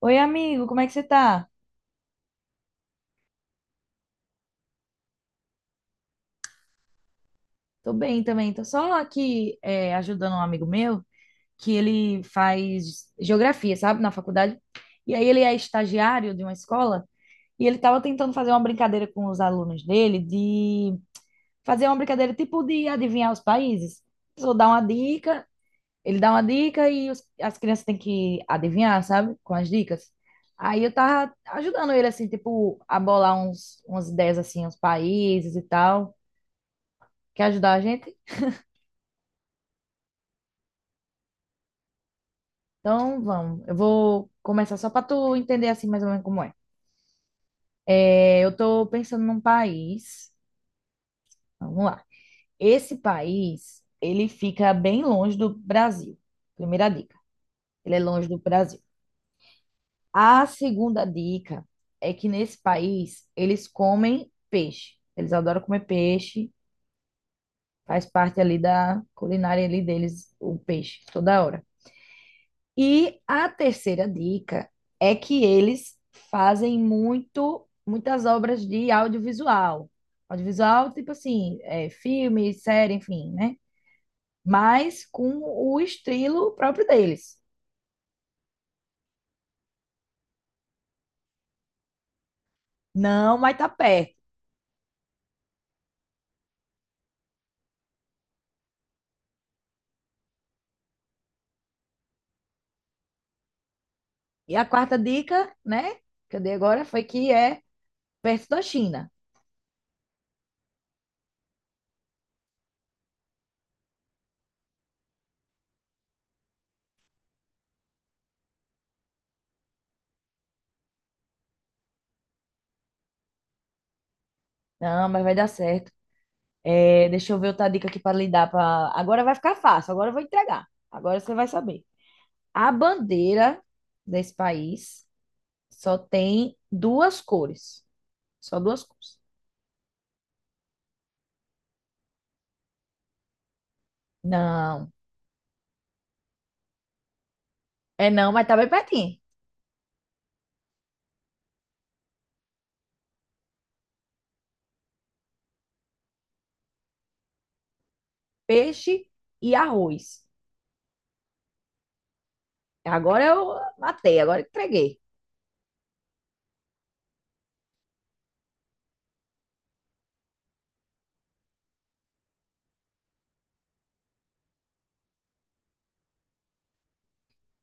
Oi, amigo, como é que você tá? Tô bem também, tô só aqui ajudando um amigo meu que ele faz geografia, sabe, na faculdade. E aí ele é estagiário de uma escola e ele tava tentando fazer uma brincadeira com os alunos dele de fazer uma brincadeira tipo de adivinhar os países. Só dá uma dica, ele dá uma dica e as crianças têm que adivinhar, sabe, com as dicas. Aí eu tava ajudando ele assim, tipo, a bolar umas ideias assim, uns países e tal. Quer ajudar a gente? Então, vamos. Eu vou começar só para tu entender assim mais ou menos como é. É, eu tô pensando num país. Vamos lá. Esse país, ele fica bem longe do Brasil. Primeira dica. Ele é longe do Brasil. A segunda dica é que nesse país eles comem peixe. Eles adoram comer peixe. Faz parte ali da culinária ali deles o peixe toda hora. E a terceira dica é que eles fazem muitas obras de audiovisual. Audiovisual, tipo assim, é, filme, série, enfim, né? Mas com o estilo próprio deles. Não, mas tá perto. E a quarta dica, né, que eu dei agora foi que é perto da China. Não, mas vai dar certo. É, deixa eu ver outra dica aqui para lhe dar. Pra... Agora vai ficar fácil, agora eu vou entregar. Agora você vai saber. A bandeira desse país só tem duas cores. Só duas cores. Não. É não, mas tá bem pertinho. Peixe e arroz. Agora eu matei, agora entreguei.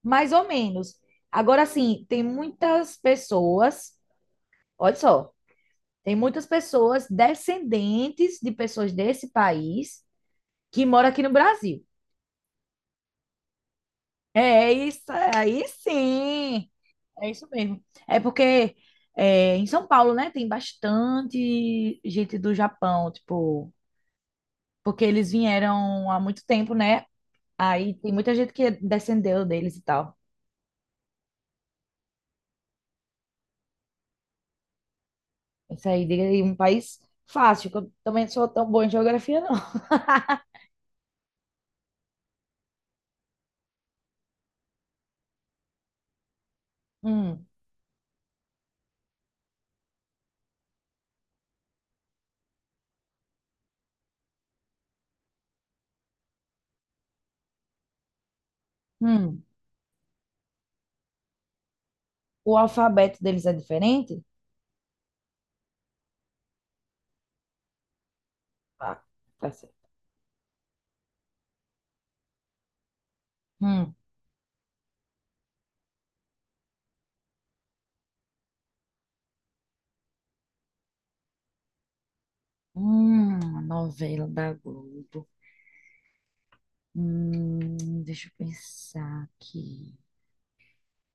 Mais ou menos. Agora sim, tem muitas pessoas, olha só, tem muitas pessoas descendentes de pessoas desse país que moram aqui no Brasil. É isso aí, sim. É isso mesmo. É porque é, em São Paulo, né, tem bastante gente do Japão, tipo, porque eles vieram há muito tempo, né? Aí tem muita gente que descendeu deles e tal. Isso aí, diga aí, um país fácil, que eu também não sou tão boa em geografia, não. Hum, hum. O alfabeto deles é diferente? Tá, tá certo. Hum, a novela da Globo. Deixa eu pensar aqui.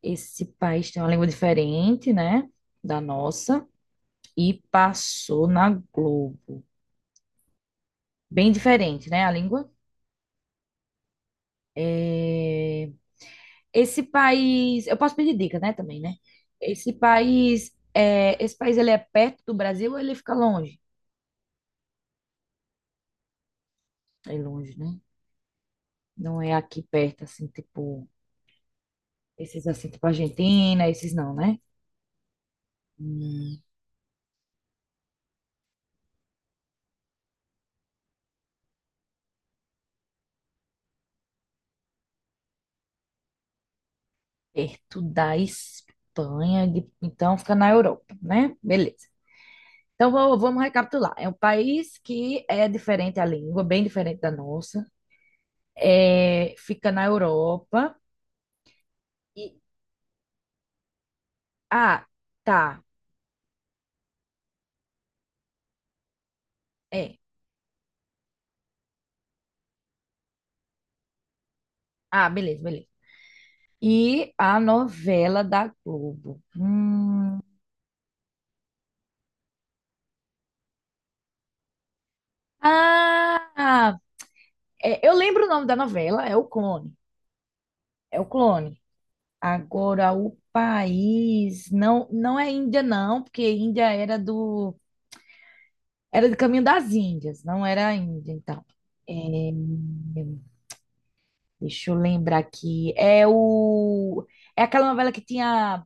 Esse país tem uma língua diferente, né, da nossa, e passou na Globo. Bem diferente, né, a língua. É, esse país, eu posso pedir dica, né, também, né? Esse país, esse país ele é perto do Brasil ou ele fica longe? É longe, né? Não é aqui perto, assim, tipo, esses assim, tipo Argentina, esses não, né? Hum, perto da Espanha, então fica na Europa, né? Beleza. Então, vamos recapitular. É um país que é diferente a língua, bem diferente da nossa. É, fica na Europa. E, ah, tá. É. Ah, beleza, beleza. E a novela da Globo. Hum. Ah, é, eu lembro o nome da novela, é o Clone. É o Clone. Agora, o país. Não, não é Índia, não, porque Índia era do. Era do caminho das Índias, não era a Índia, então. É, deixa eu lembrar aqui. É o é aquela novela que tinha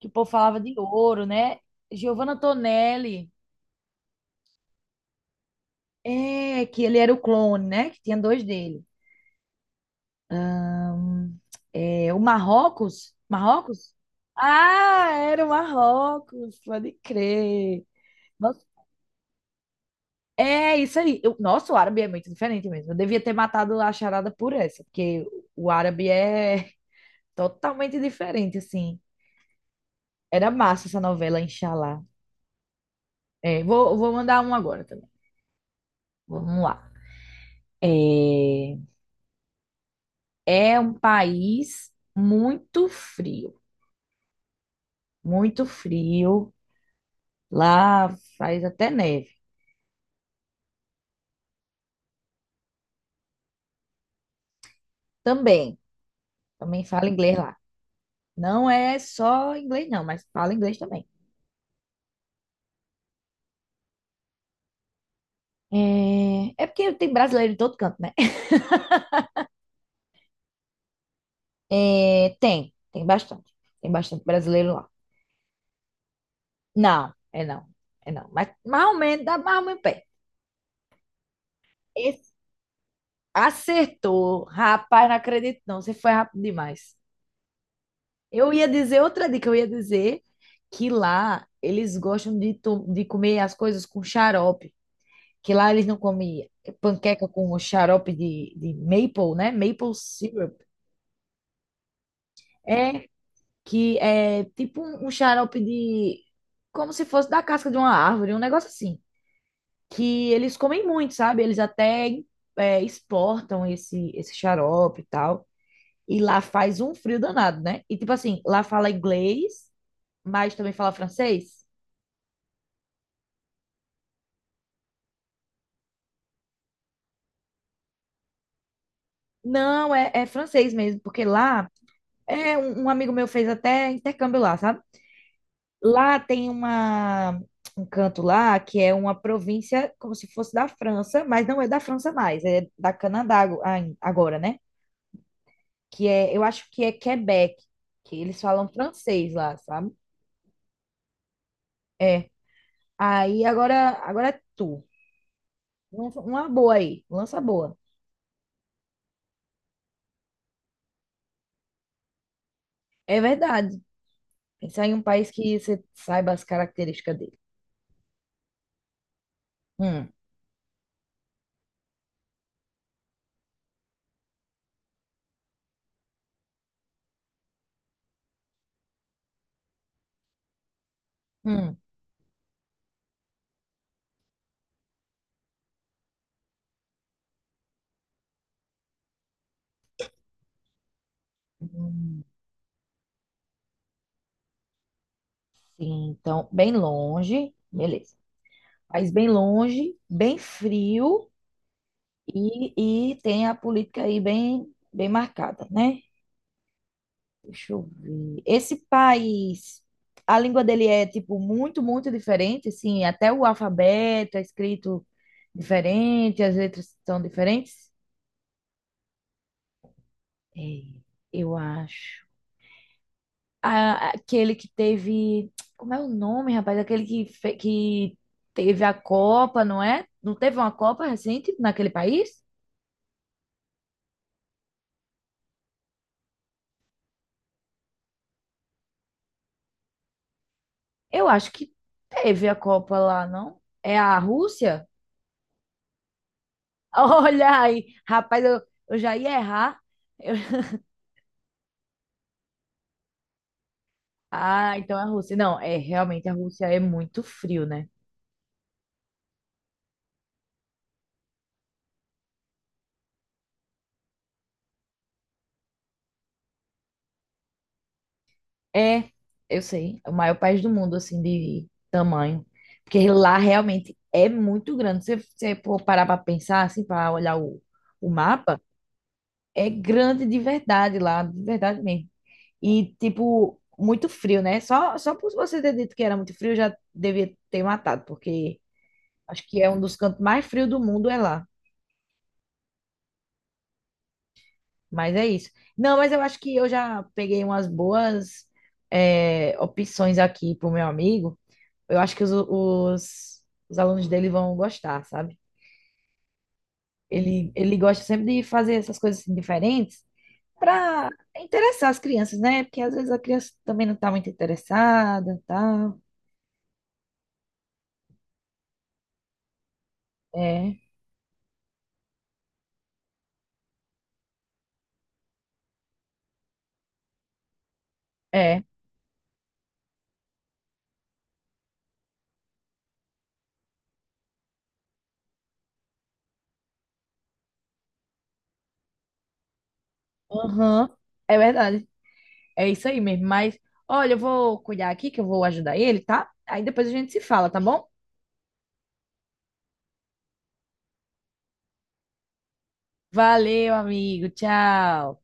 que o povo falava de ouro, né? Giovanna Antonelli. É, que ele era o clone, né? Que tinha dois dele. É, o Marrocos? Marrocos? Ah, era o Marrocos, pode crer. Nossa, é isso aí. Eu, nossa, o árabe é muito diferente mesmo. Eu devia ter matado a charada por essa, porque o árabe é totalmente diferente, assim. Era massa essa novela, Inshallah. É, vou mandar um agora também. Vamos lá. É, é um país muito frio, muito frio. Lá faz até neve. Também, também fala inglês lá. Não é só inglês, não, mas fala inglês também. É, é porque tem brasileiro em todo canto, né? É, tem bastante. Tem bastante brasileiro lá. Não, é não, é não. Mas mais ou menos, dá mais ou menos pé. Esse- acertou. Rapaz, não acredito não. Você foi rápido demais. Eu ia dizer outra dica, eu ia dizer que lá eles gostam de, de comer as coisas com xarope, que lá eles não comem panqueca com xarope de maple, né? Maple syrup. É que é tipo um xarope de como se fosse da casca de uma árvore, um negócio assim, que eles comem muito, sabe? Eles até é, exportam esse xarope e tal. E lá faz um frio danado, né? E tipo assim, lá fala inglês, mas também fala francês. Não, é francês mesmo, porque lá é um amigo meu fez até intercâmbio lá, sabe? Lá tem uma um canto lá que é uma província como se fosse da França, mas não é da França mais, é da Canadá agora, né? Que é, eu acho que é Quebec, que eles falam francês lá, sabe? É. Aí agora, agora é tu. Lança uma boa aí, lança boa. É verdade. Pensar em um país que você saiba as características dele. Hum, hum, hum. Sim, então, bem longe, beleza. País bem longe, bem frio e tem a política aí bem marcada, né? Deixa eu ver. Esse país, a língua dele é, tipo, muito diferente, assim, até o alfabeto é escrito diferente, as letras são diferentes? É, eu acho. Aquele que teve. Como é o nome, rapaz? Aquele que, que teve a Copa, não é? Não teve uma Copa recente naquele país? Eu acho que teve a Copa lá, não? É a Rússia? Olha aí, rapaz, eu já ia errar. Eu- Ah, então é a Rússia. Não, é realmente a Rússia é muito frio, né? É, eu sei, é o maior país do mundo, assim, de tamanho. Porque lá realmente é muito grande. Se você for parar para pensar, assim, para olhar o mapa, é grande de verdade lá, de verdade mesmo. E, tipo, muito frio, né? Só por você ter dito que era muito frio, eu já devia ter matado, porque acho que é um dos cantos mais frios do mundo, é lá. Mas é isso. Não, mas eu acho que eu já peguei umas boas, eh, opções aqui pro meu amigo. Eu acho que os alunos dele vão gostar, sabe? Ele gosta sempre de fazer essas coisas assim, diferentes para interessar as crianças, né? Porque às vezes a criança também não tá muito interessada, tá? É, é. Aham. É verdade. É isso aí mesmo. Mas, olha, eu vou cuidar aqui que eu vou ajudar ele, tá? Aí depois a gente se fala, tá bom? Valeu, amigo. Tchau.